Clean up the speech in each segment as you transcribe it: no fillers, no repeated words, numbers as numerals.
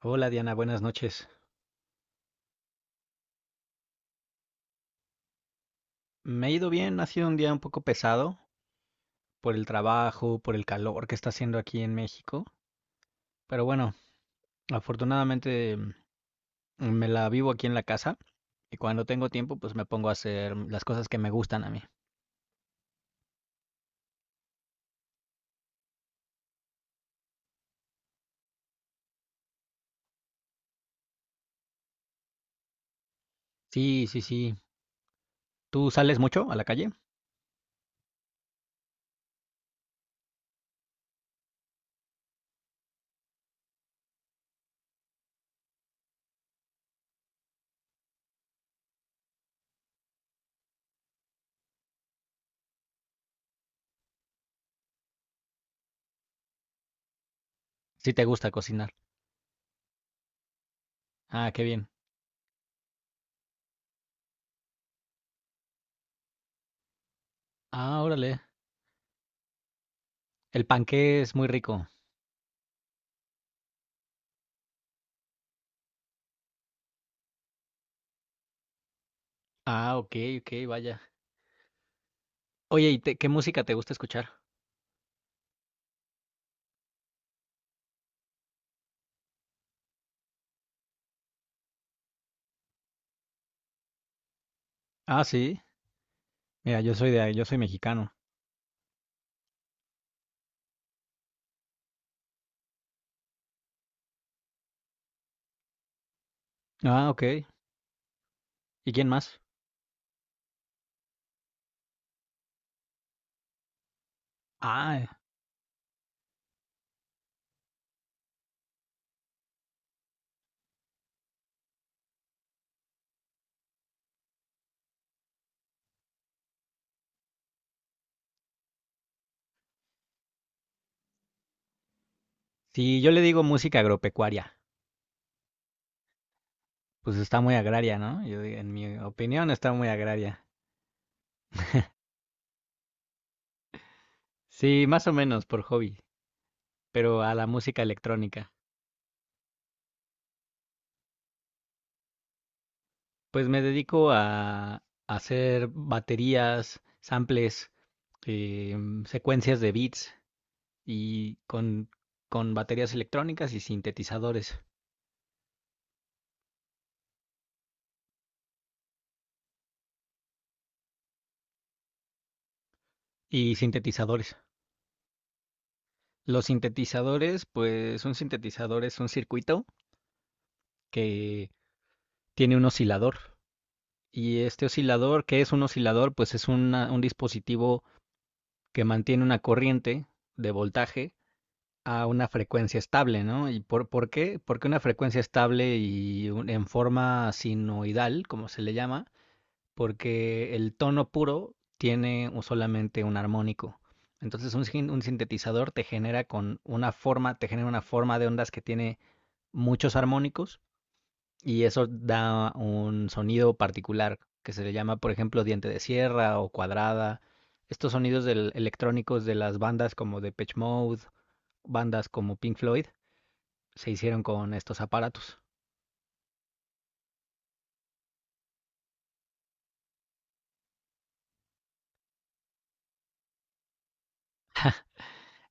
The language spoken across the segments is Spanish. Hola Diana, buenas noches. Me ha ido bien, ha sido un día un poco pesado por el trabajo, por el calor que está haciendo aquí en México, pero bueno, afortunadamente, me la vivo aquí en la casa y cuando tengo tiempo pues me pongo a hacer las cosas que me gustan a mí. Sí, sí, sí. ¿Tú sales mucho a la calle? Sí te gusta cocinar. Ah, qué bien. Ah, órale. El panqué es muy rico. Ah, ok, ok, vaya. Oye, ¿ qué música te gusta escuchar? Ah, sí. Mira, yo soy mexicano. Ah, ok. ¿Y quién más? Ah, sí, yo le digo música agropecuaria. Pues está muy agraria, ¿no? En mi opinión está muy agraria. Sí, más o menos por hobby, pero a la música electrónica. Pues me dedico a hacer baterías, samples, secuencias de beats y con baterías electrónicas y sintetizadores. Y sintetizadores. Los sintetizadores, pues un sintetizador es un circuito que tiene un oscilador. Y este oscilador, ¿qué es un oscilador? Pues es un dispositivo que mantiene una corriente de voltaje a una frecuencia estable, ¿no? ¿Y por qué? Porque una frecuencia estable y en forma sinoidal, como se le llama, porque el tono puro tiene solamente un armónico. Entonces un, sin- un sintetizador te genera con una forma, te genera una forma de ondas que tiene muchos armónicos, y eso da un sonido particular que se le llama, por ejemplo, diente de sierra o cuadrada. Estos sonidos electrónicos de las bandas como Depeche Mode, bandas como Pink Floyd, se hicieron con estos aparatos.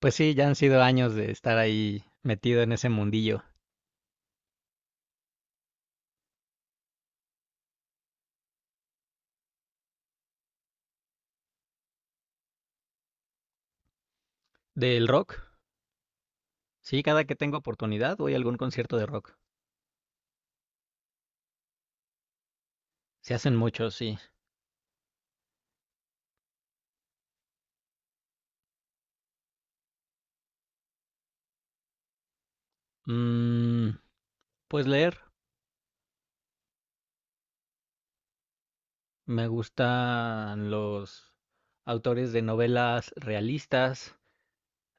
Pues sí, ya han sido años de estar ahí metido en ese mundillo del rock. Sí, cada que tengo oportunidad voy a algún concierto de rock. Se hacen muchos, sí. Mm, pues leer. Me gustan los autores de novelas realistas,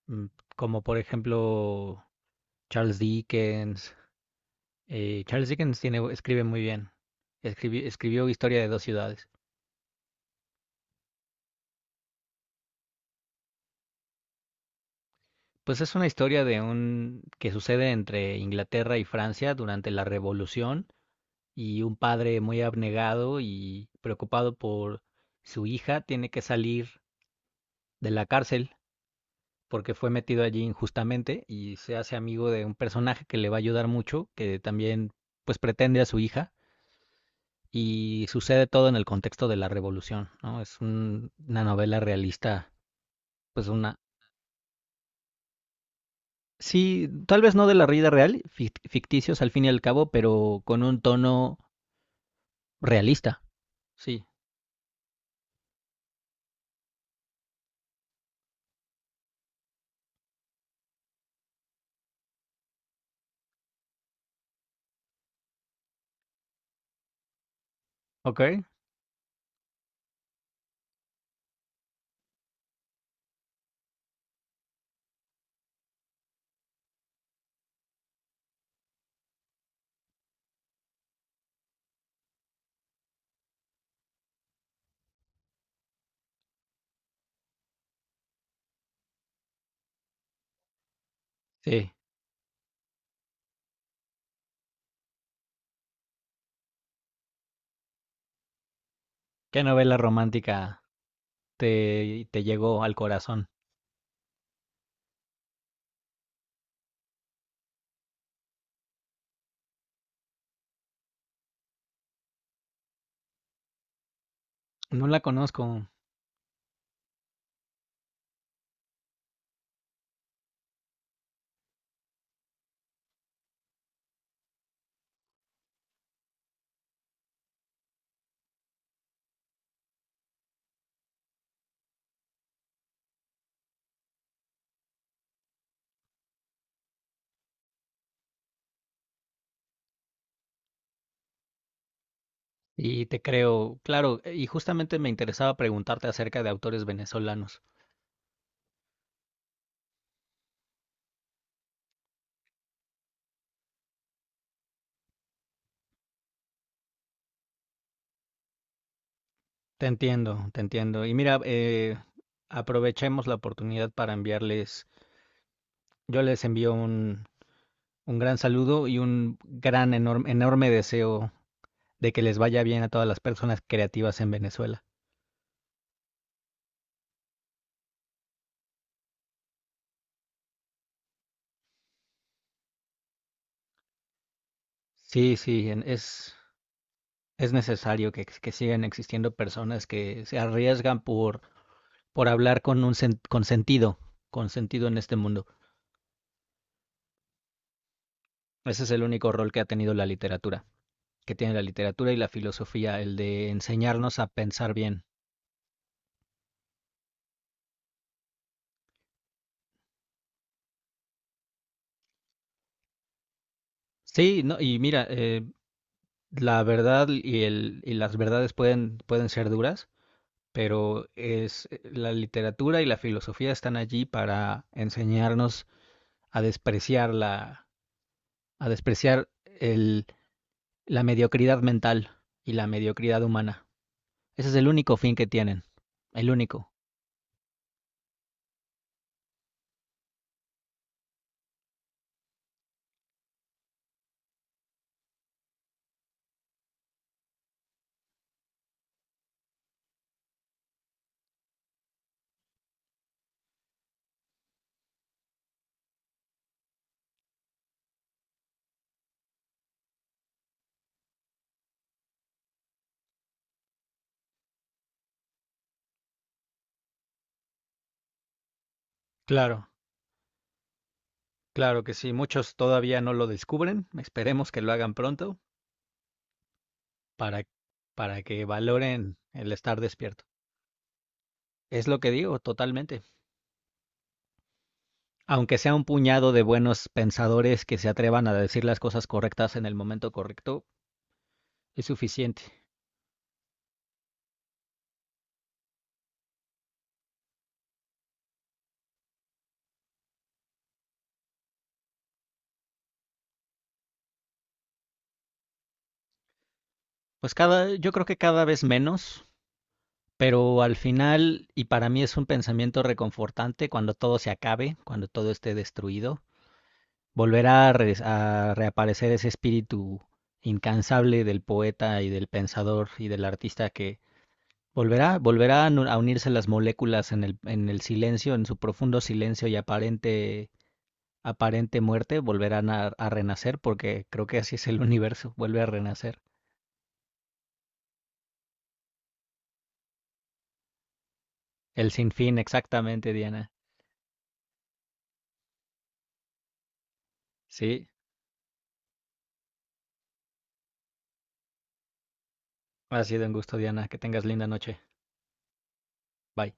mm, como por ejemplo Charles Dickens. Charles Dickens tiene, escribe muy bien. Escribió Historia de dos ciudades. Pues es una historia de un que sucede entre Inglaterra y Francia durante la Revolución, y un padre muy abnegado y preocupado por su hija tiene que salir de la cárcel porque fue metido allí injustamente, y se hace amigo de un personaje que le va a ayudar mucho, que también pues pretende a su hija, y sucede todo en el contexto de la revolución, ¿no? Es una novela realista, pues una... Sí, tal vez no de la vida real, ficticios al fin y al cabo, pero con un tono realista. Sí. ¿Ok? Sí. ¿Qué novela romántica te llegó al corazón? No la conozco y te creo, claro, y justamente me interesaba preguntarte acerca de autores venezolanos. Te entiendo, te entiendo. Y mira, aprovechemos la oportunidad para enviarles. Yo les envío un gran saludo y un gran, enorme, enorme deseo de que les vaya bien a todas las personas creativas en Venezuela. Sí, sí, es necesario que sigan existiendo personas que se arriesgan por hablar con con sentido en este mundo. Ese es el único rol que ha tenido la literatura, que tiene la literatura y la filosofía, el de enseñarnos a pensar bien. Sí, no, y mira, la verdad y el, y las verdades pueden, pueden ser duras, pero es la literatura y la filosofía están allí para enseñarnos a despreciar a despreciar el, la mediocridad mental y la mediocridad humana. Ese es el único fin que tienen, el único. Claro, claro que sí. Muchos todavía no lo descubren. Esperemos que lo hagan pronto para, para que valoren el estar despierto. Es lo que digo, totalmente. Aunque sea un puñado de buenos pensadores que se atrevan a decir las cosas correctas en el momento correcto, es suficiente. Pues cada, yo creo que cada vez menos, pero al final, y para mí es un pensamiento reconfortante, cuando todo se acabe, cuando todo esté destruido, volverá a, a reaparecer ese espíritu incansable del poeta y del pensador y del artista, que volverá, volverá a a unirse las moléculas en el silencio, en su profundo silencio y aparente, aparente muerte, volverán a renacer, porque creo que así es el universo, vuelve a renacer. El sinfín, exactamente, Diana. Sí, ha sido un gusto, Diana. Que tengas linda noche. Bye.